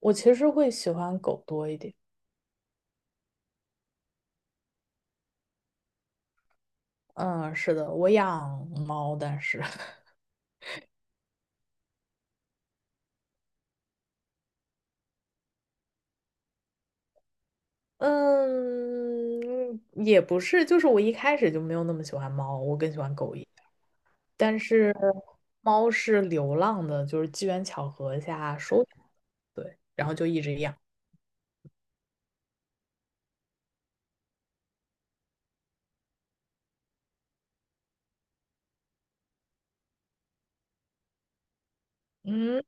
我其实会喜欢狗多一点。嗯，是的，我养猫，但是，嗯，也不是，就是我一开始就没有那么喜欢猫，我更喜欢狗一点。但是猫是流浪的，就是机缘巧合下收养，对，然后就一直养。嗯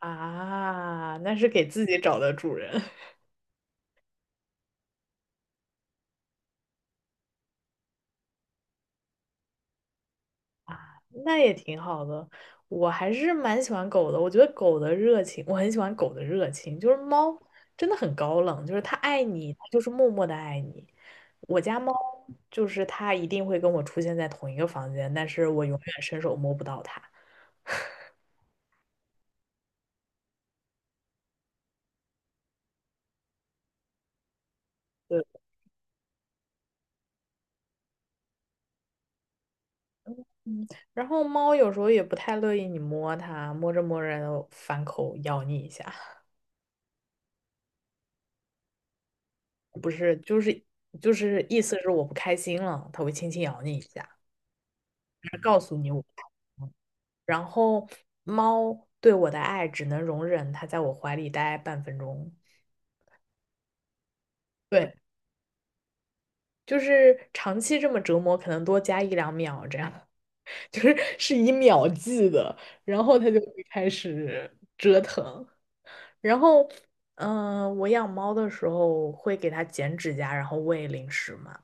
啊，那是给自己找的主人。那也挺好的。我还是蛮喜欢狗的，我觉得狗的热情，我很喜欢狗的热情。就是猫真的很高冷，就是它爱你，它就是默默的爱你。我家猫就是它一定会跟我出现在同一个房间，但是我永远伸手摸不到它。对，嗯，然后猫有时候也不太乐意你摸它，摸着摸着反口咬你一下，不是，就是意思是我不开心了，它会轻轻咬你一下，告诉你我不开心。然后猫对我的爱只能容忍它在我怀里待半分钟，对，就是长期这么折磨，可能多加一两秒这样，就是以秒计的，然后它就会开始折腾。然后，我养猫的时候会给它剪指甲，然后喂零食嘛。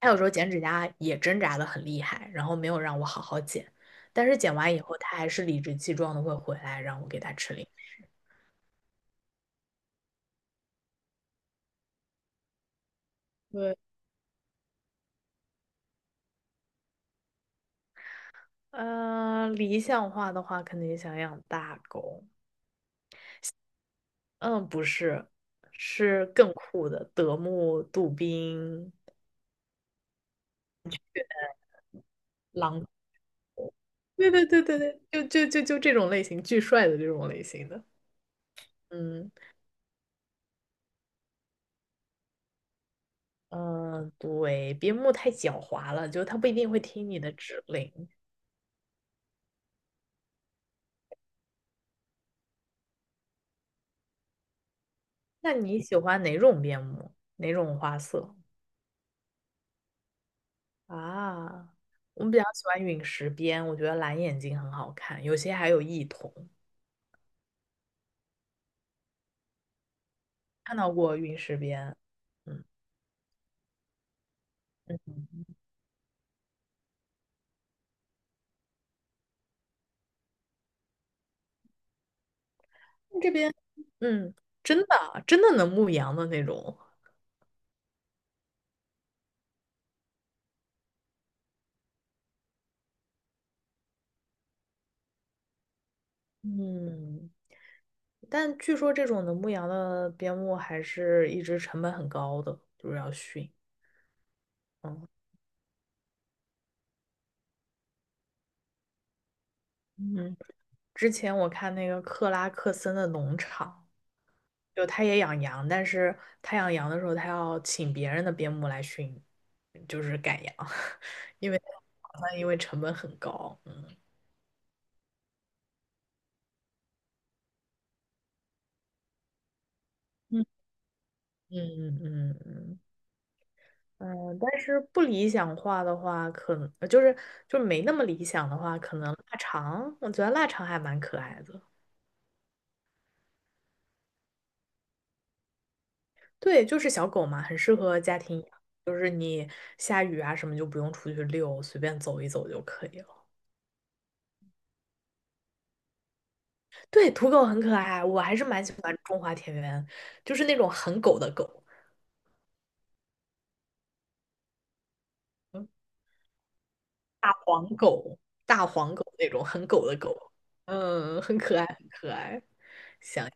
它有时候剪指甲也挣扎的很厉害，然后没有让我好好剪，但是剪完以后，它还是理直气壮的会回来让我给它吃零食。对理想化的话，肯定想养大狗。嗯，不是，是更酷的德牧、杜宾、狼。对，就这种类型，巨帅的这种类型的。嗯嗯，对，边牧太狡猾了，就它不一定会听你的指令。那你喜欢哪种边牧？哪种花色啊？我比较喜欢陨石边，我觉得蓝眼睛很好看，有些还有异瞳，看到过陨石边。嗯。嗯这边，嗯，真的啊真的能牧羊的那种，嗯，但据说这种能牧羊的边牧还是一直成本很高的，就是要训。嗯嗯，之前我看那个克拉克森的农场，就他也养羊，但是他养羊的时候，他要请别人的边牧来训，就是赶羊，因为好像因为成本很高。嗯嗯，嗯嗯嗯，嗯嗯，但是不理想化的话，可能呃就是就没那么理想的话，可能腊肠，我觉得腊肠还蛮可爱的。对，就是小狗嘛，很适合家庭养，下雨啊什么就不用出去遛，随便走一走就可以了。对，土狗很可爱，我还是蛮喜欢中华田园，就是那种很狗的狗，嗯大黄狗、大黄狗那种很狗的狗，嗯，很可爱，很可爱。想，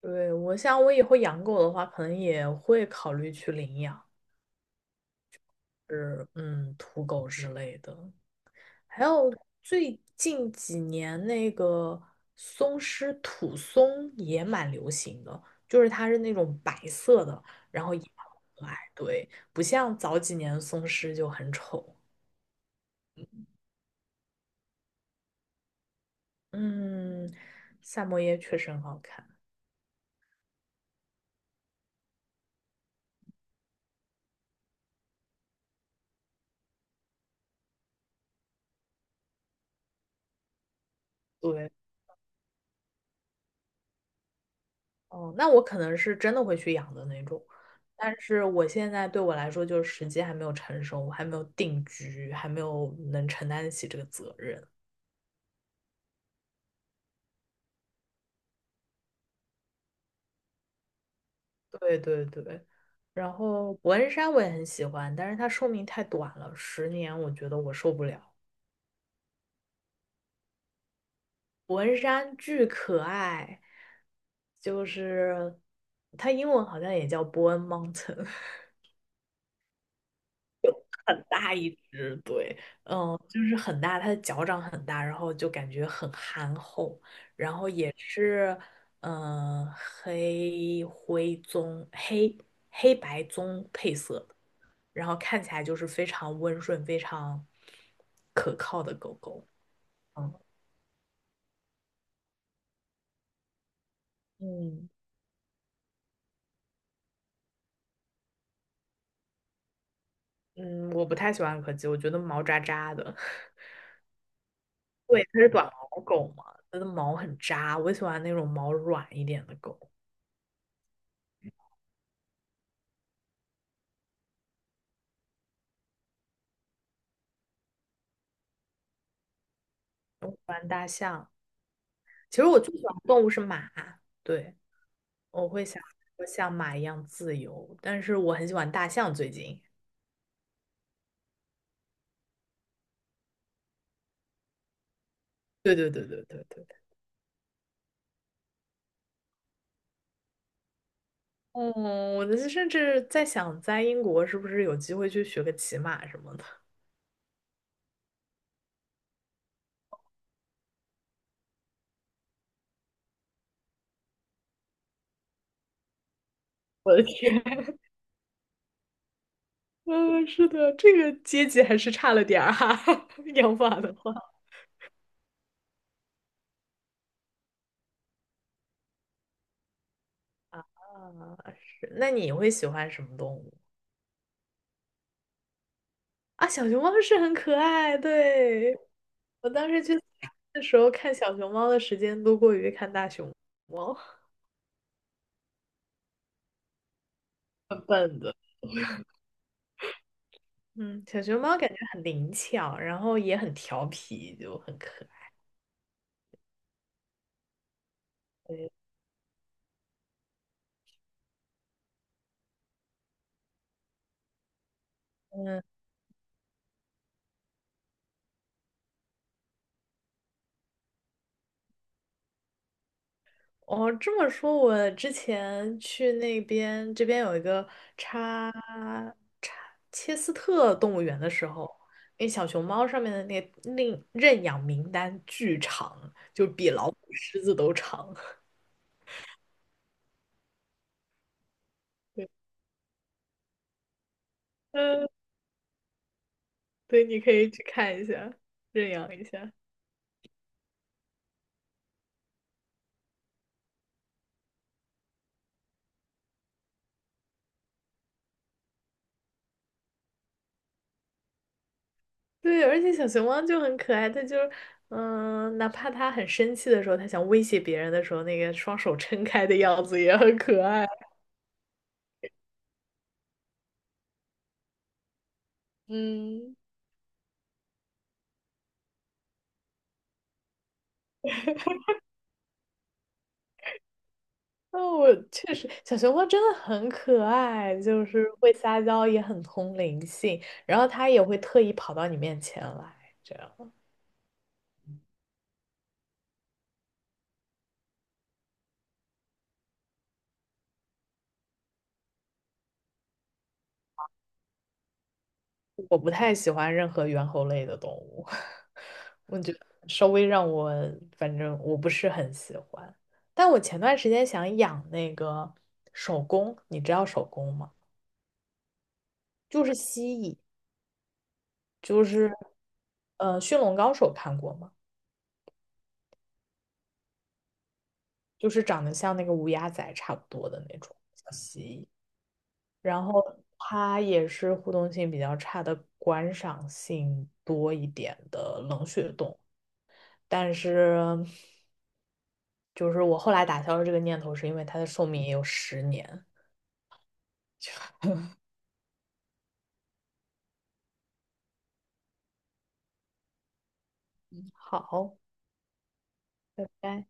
对，我想我以后养狗的话，可能也会考虑去领养。土狗之类的，还有最近几年那个松狮土松也蛮流行的，就是它是那种白色的，然后也很可爱，对，不像早几年松狮就很丑。嗯，萨摩耶确实很好看，对，哦，那我可能是真的会去养的那种，但是我现在对我来说就是时机还没有成熟，我还没有定居，还没有能承担得起这个责任。对对对，然后伯恩山我也很喜欢，但是它寿命太短了，十年我觉得我受不了。伯恩山巨可爱，就是它英文好像也叫伯恩 n Mountain，很大一只，对，嗯，就是很大，它的脚掌很大，然后就感觉很憨厚，也是嗯、呃黑灰棕黑黑白棕配色，然后看起来就是非常温顺、非常可靠的狗狗。嗯嗯嗯，我不太喜欢柯基，我觉得毛扎扎的。对，它是短毛狗嘛，它的毛很扎，我喜欢那种毛软一点的狗。大象，其实我最喜欢的动物是马，对，我会想说像马一样自由，但是我很喜欢大象最近。对对对对对对对。嗯，我就是甚至在想，在英国是不是有机会去学个骑马什么的？我的天！嗯，是的，这个阶级还是差了点儿哈、养法的话啊，是。那你会喜欢什么动物啊？小熊猫是很可爱，对。我当时去 的时候看小熊猫的时间多过于看大熊猫，笨笨的。嗯，小熊猫感觉很灵巧，然后也很调皮，就很可爱。对嗯，哦，这么说，我之前去那边，这边有一个查查切斯特动物园的时候，那小熊猫上面的那个领认养名单巨长，就比老虎、狮子都长。对，嗯，对，你可以去看一下，认养一下。对，而且小熊猫就很可爱，它就是嗯，哪怕它很生气的时候，它想威胁别人的时候，那个双手撑开的样子也很可爱。嗯。那我确实，小熊猫真的很可爱，就是会撒娇，也很通灵性，然后它也会特意跑到你面前来，这样。我不太喜欢任何猿猴类的动物，稍微让我，反正我不是很喜欢。但我前段时间想养那个手工，你知道手工吗？就是蜥蜴，就是驯龙高手看过吗？就是长得像那个乌鸦仔差不多的那种。然后它也是互动性比较差的观赏性多一点的冷血动物，但是就是我后来打消了这个念头，是因为它的寿命也有十年。好，拜拜。